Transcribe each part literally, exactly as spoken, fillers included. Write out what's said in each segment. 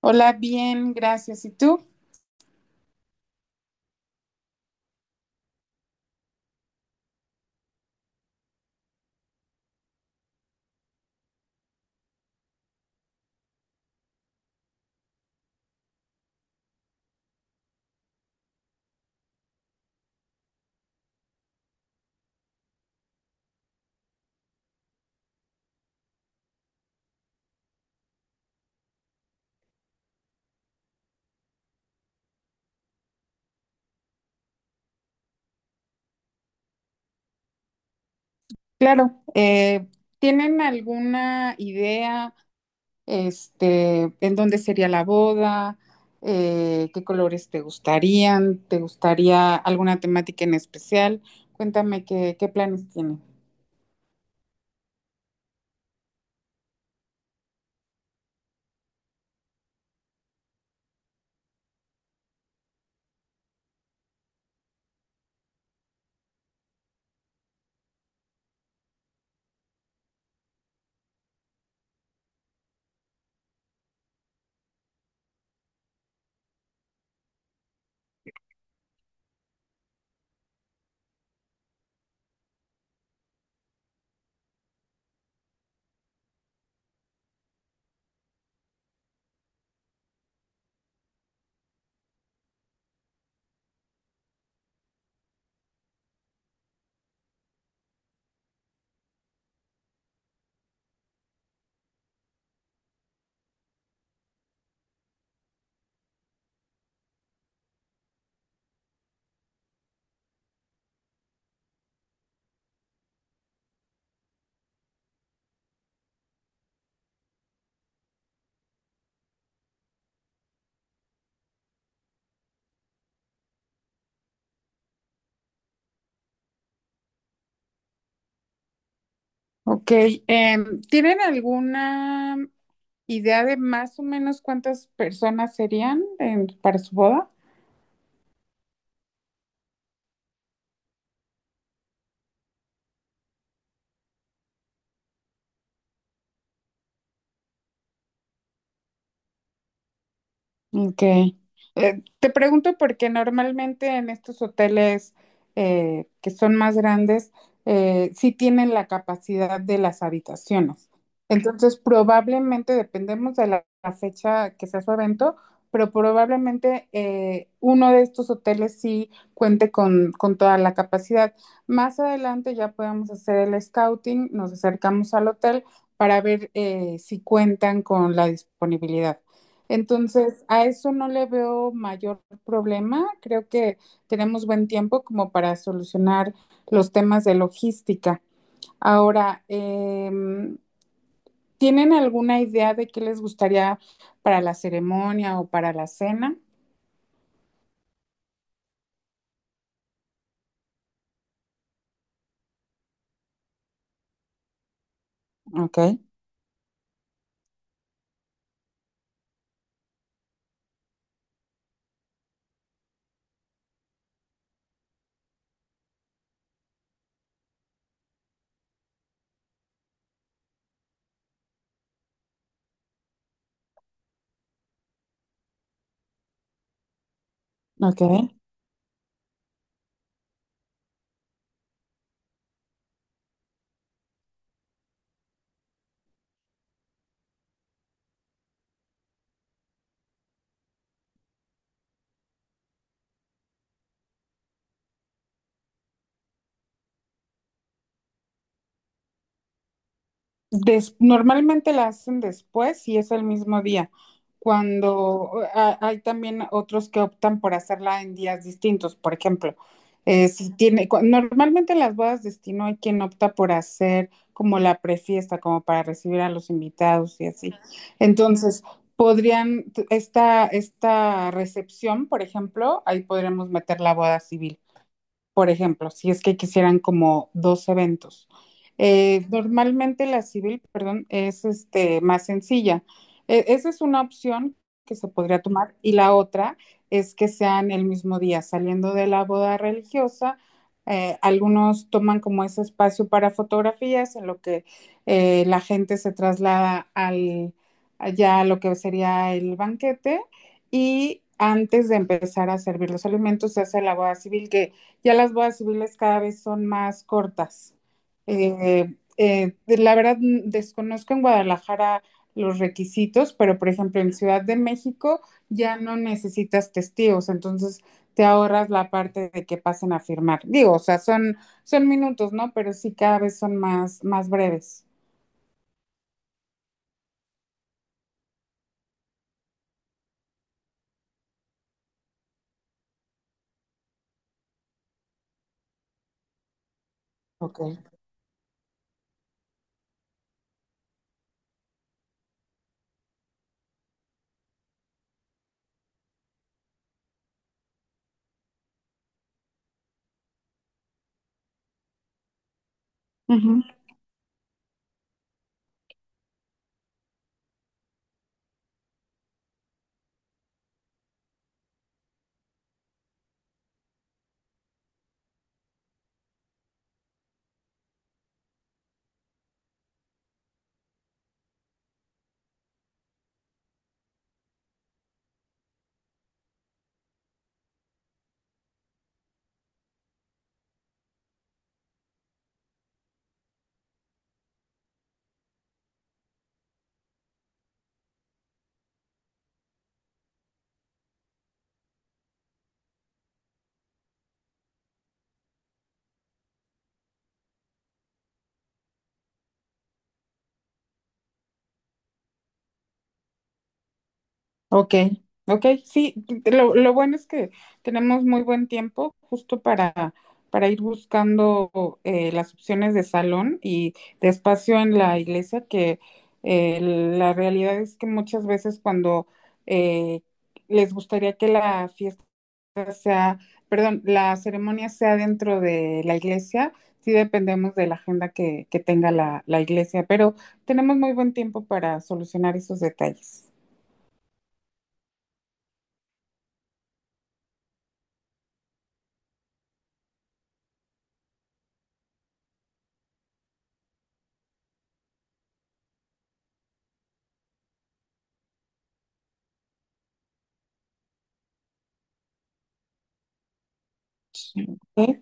Hola, bien, gracias. ¿Y tú? Claro, eh, ¿tienen alguna idea, este, en dónde sería la boda? Eh, ¿qué colores te gustarían? ¿Te gustaría alguna temática en especial? Cuéntame qué, qué planes tienen. Ok, em, ¿tienen alguna idea de más o menos cuántas personas serían en- para su boda? Ok. Eh, te pregunto porque normalmente en estos hoteles eh, que son más grandes, eh, sí tienen la capacidad de las habitaciones. Entonces, probablemente, dependemos de la, la fecha que sea su evento, pero probablemente eh, uno de estos hoteles sí cuente con, con toda la capacidad. Más adelante ya podemos hacer el scouting, nos acercamos al hotel para ver eh, si cuentan con la disponibilidad. Entonces, a eso no le veo mayor problema. Creo que tenemos buen tiempo como para solucionar los temas de logística. Ahora, em, ¿tienen alguna idea de qué les gustaría para la ceremonia o para la cena? Ok, ok. Des- normalmente la hacen después y es el mismo día, cuando a- hay también otros que optan por hacerla en días distintos. Por ejemplo, eh, si tiene, cu- normalmente en las bodas de destino hay quien opta por hacer como la prefiesta, como para recibir a los invitados y así. Entonces, podrían, t- esta, esta recepción, por ejemplo, ahí podríamos meter la boda civil por ejemplo, si es que quisieran como dos eventos. Eh, normalmente la civil, perdón, es este, más sencilla. E- esa es una opción que se podría tomar y la otra es que sean el mismo día, saliendo de la boda religiosa. eh, algunos toman como ese espacio para fotografías en lo que eh, la gente se traslada al, allá a lo que sería el banquete y antes de empezar a servir los alimentos se hace la boda civil que ya las voy a subirles cada vez son más cortas. Eh, eh, de- la verdad, mm, desconozco en Guadalajara los requisitos, pero por ejemplo en Ciudad de México ya no necesitas testigos, entonces te ahorras la parte de que pasen a firmar. Digo, o sea, son, son minutos, ¿no? Pero sí cada vez son más, más breves. Ok. Ok, ok, sí, lo, lo bueno es que tenemos muy buen tiempo justo para, para ir buscando eh, las opciones de salón y de espacio en la iglesia, que eh, la realidad es que muchas veces cuando eh, les gustaría que la fiesta sea, perdón, la ceremonia sea dentro de la iglesia, sí dependemos de la agenda que, que tenga la, la iglesia, pero tenemos muy buen tiempo para solucionar esos detalles. Sí. ¿Ok?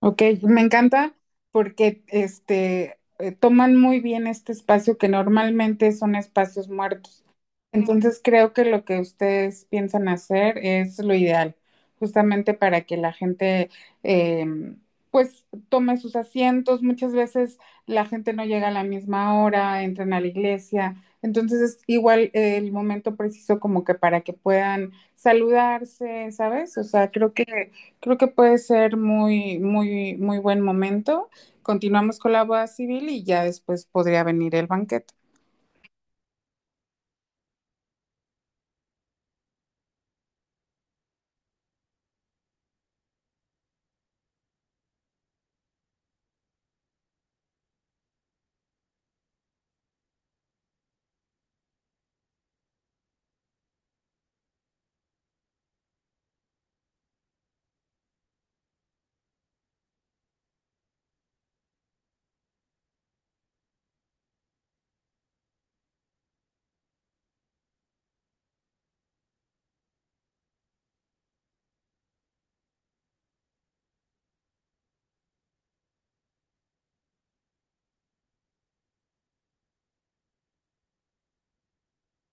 Ok, me encanta porque este eh, toman muy bien este espacio que normalmente son espacios muertos. Entonces creo que lo que ustedes piensan hacer es lo ideal, justamente para que la gente eh, pues tome sus asientos. Muchas veces la gente no llega a la misma hora, entran a la iglesia. Entonces es igual eh, el momento preciso como que para que puedan saludarse, ¿sabes? O sea, creo que creo que puede ser muy, muy, muy buen momento. Continuamos con la boda civil y ya después podría venir el banquete.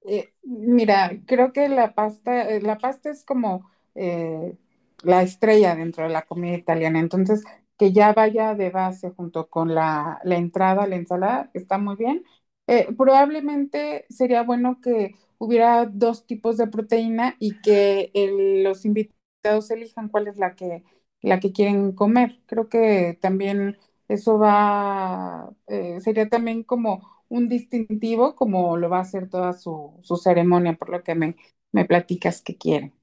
Eh, mira, creo que la pasta, eh, la pasta es como eh, la estrella dentro de la comida italiana. Entonces, que ya vaya de base junto con la, la entrada, la ensalada, está muy bien. Eh, probablemente sería bueno que hubiera dos tipos de proteína y que el- los invitados elijan cuál es la que, la que quieren comer. Creo que también eso va, eh, sería también como un distintivo como lo va a hacer toda su, su ceremonia, por lo que me, me platicas que quieren.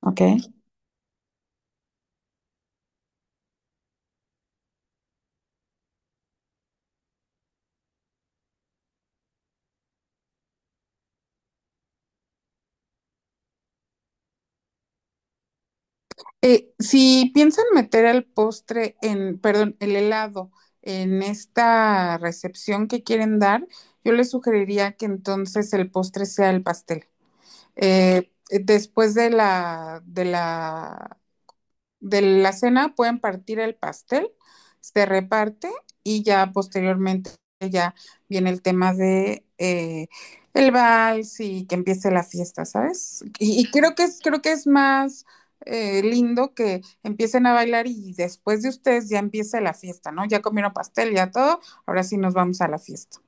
¿Ok? Eh, si piensan meter el postre en, perdón, el helado en esta recepción que quieren dar, yo les sugeriría que entonces el postre sea el pastel. Eh, después de la, de la de la cena pueden partir el pastel, se reparte y ya posteriormente ya viene el tema de eh, el vals y que empiece la fiesta, ¿sabes? Y, y creo que es, creo que es más eh, lindo que empiecen a bailar y después de ustedes ya empiece la fiesta, ¿no? Ya comieron pastel, ya todo, ahora sí nos vamos a la fiesta.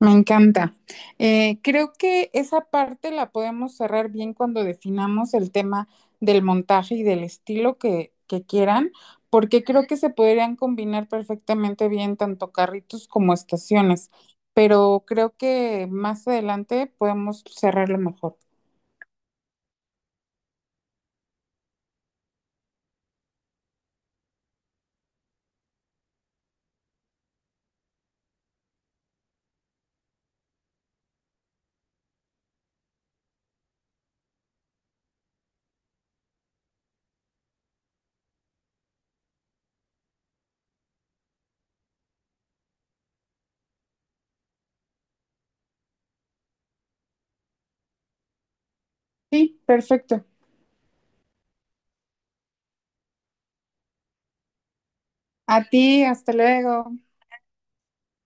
Me encanta. Eh, creo que esa parte la podemos cerrar bien cuando definamos el tema del montaje y del estilo que, que quieran, porque creo que se podrían combinar perfectamente bien tanto carritos como estaciones, pero creo que más adelante podemos cerrarlo mejor. Sí, perfecto. A ti, hasta luego.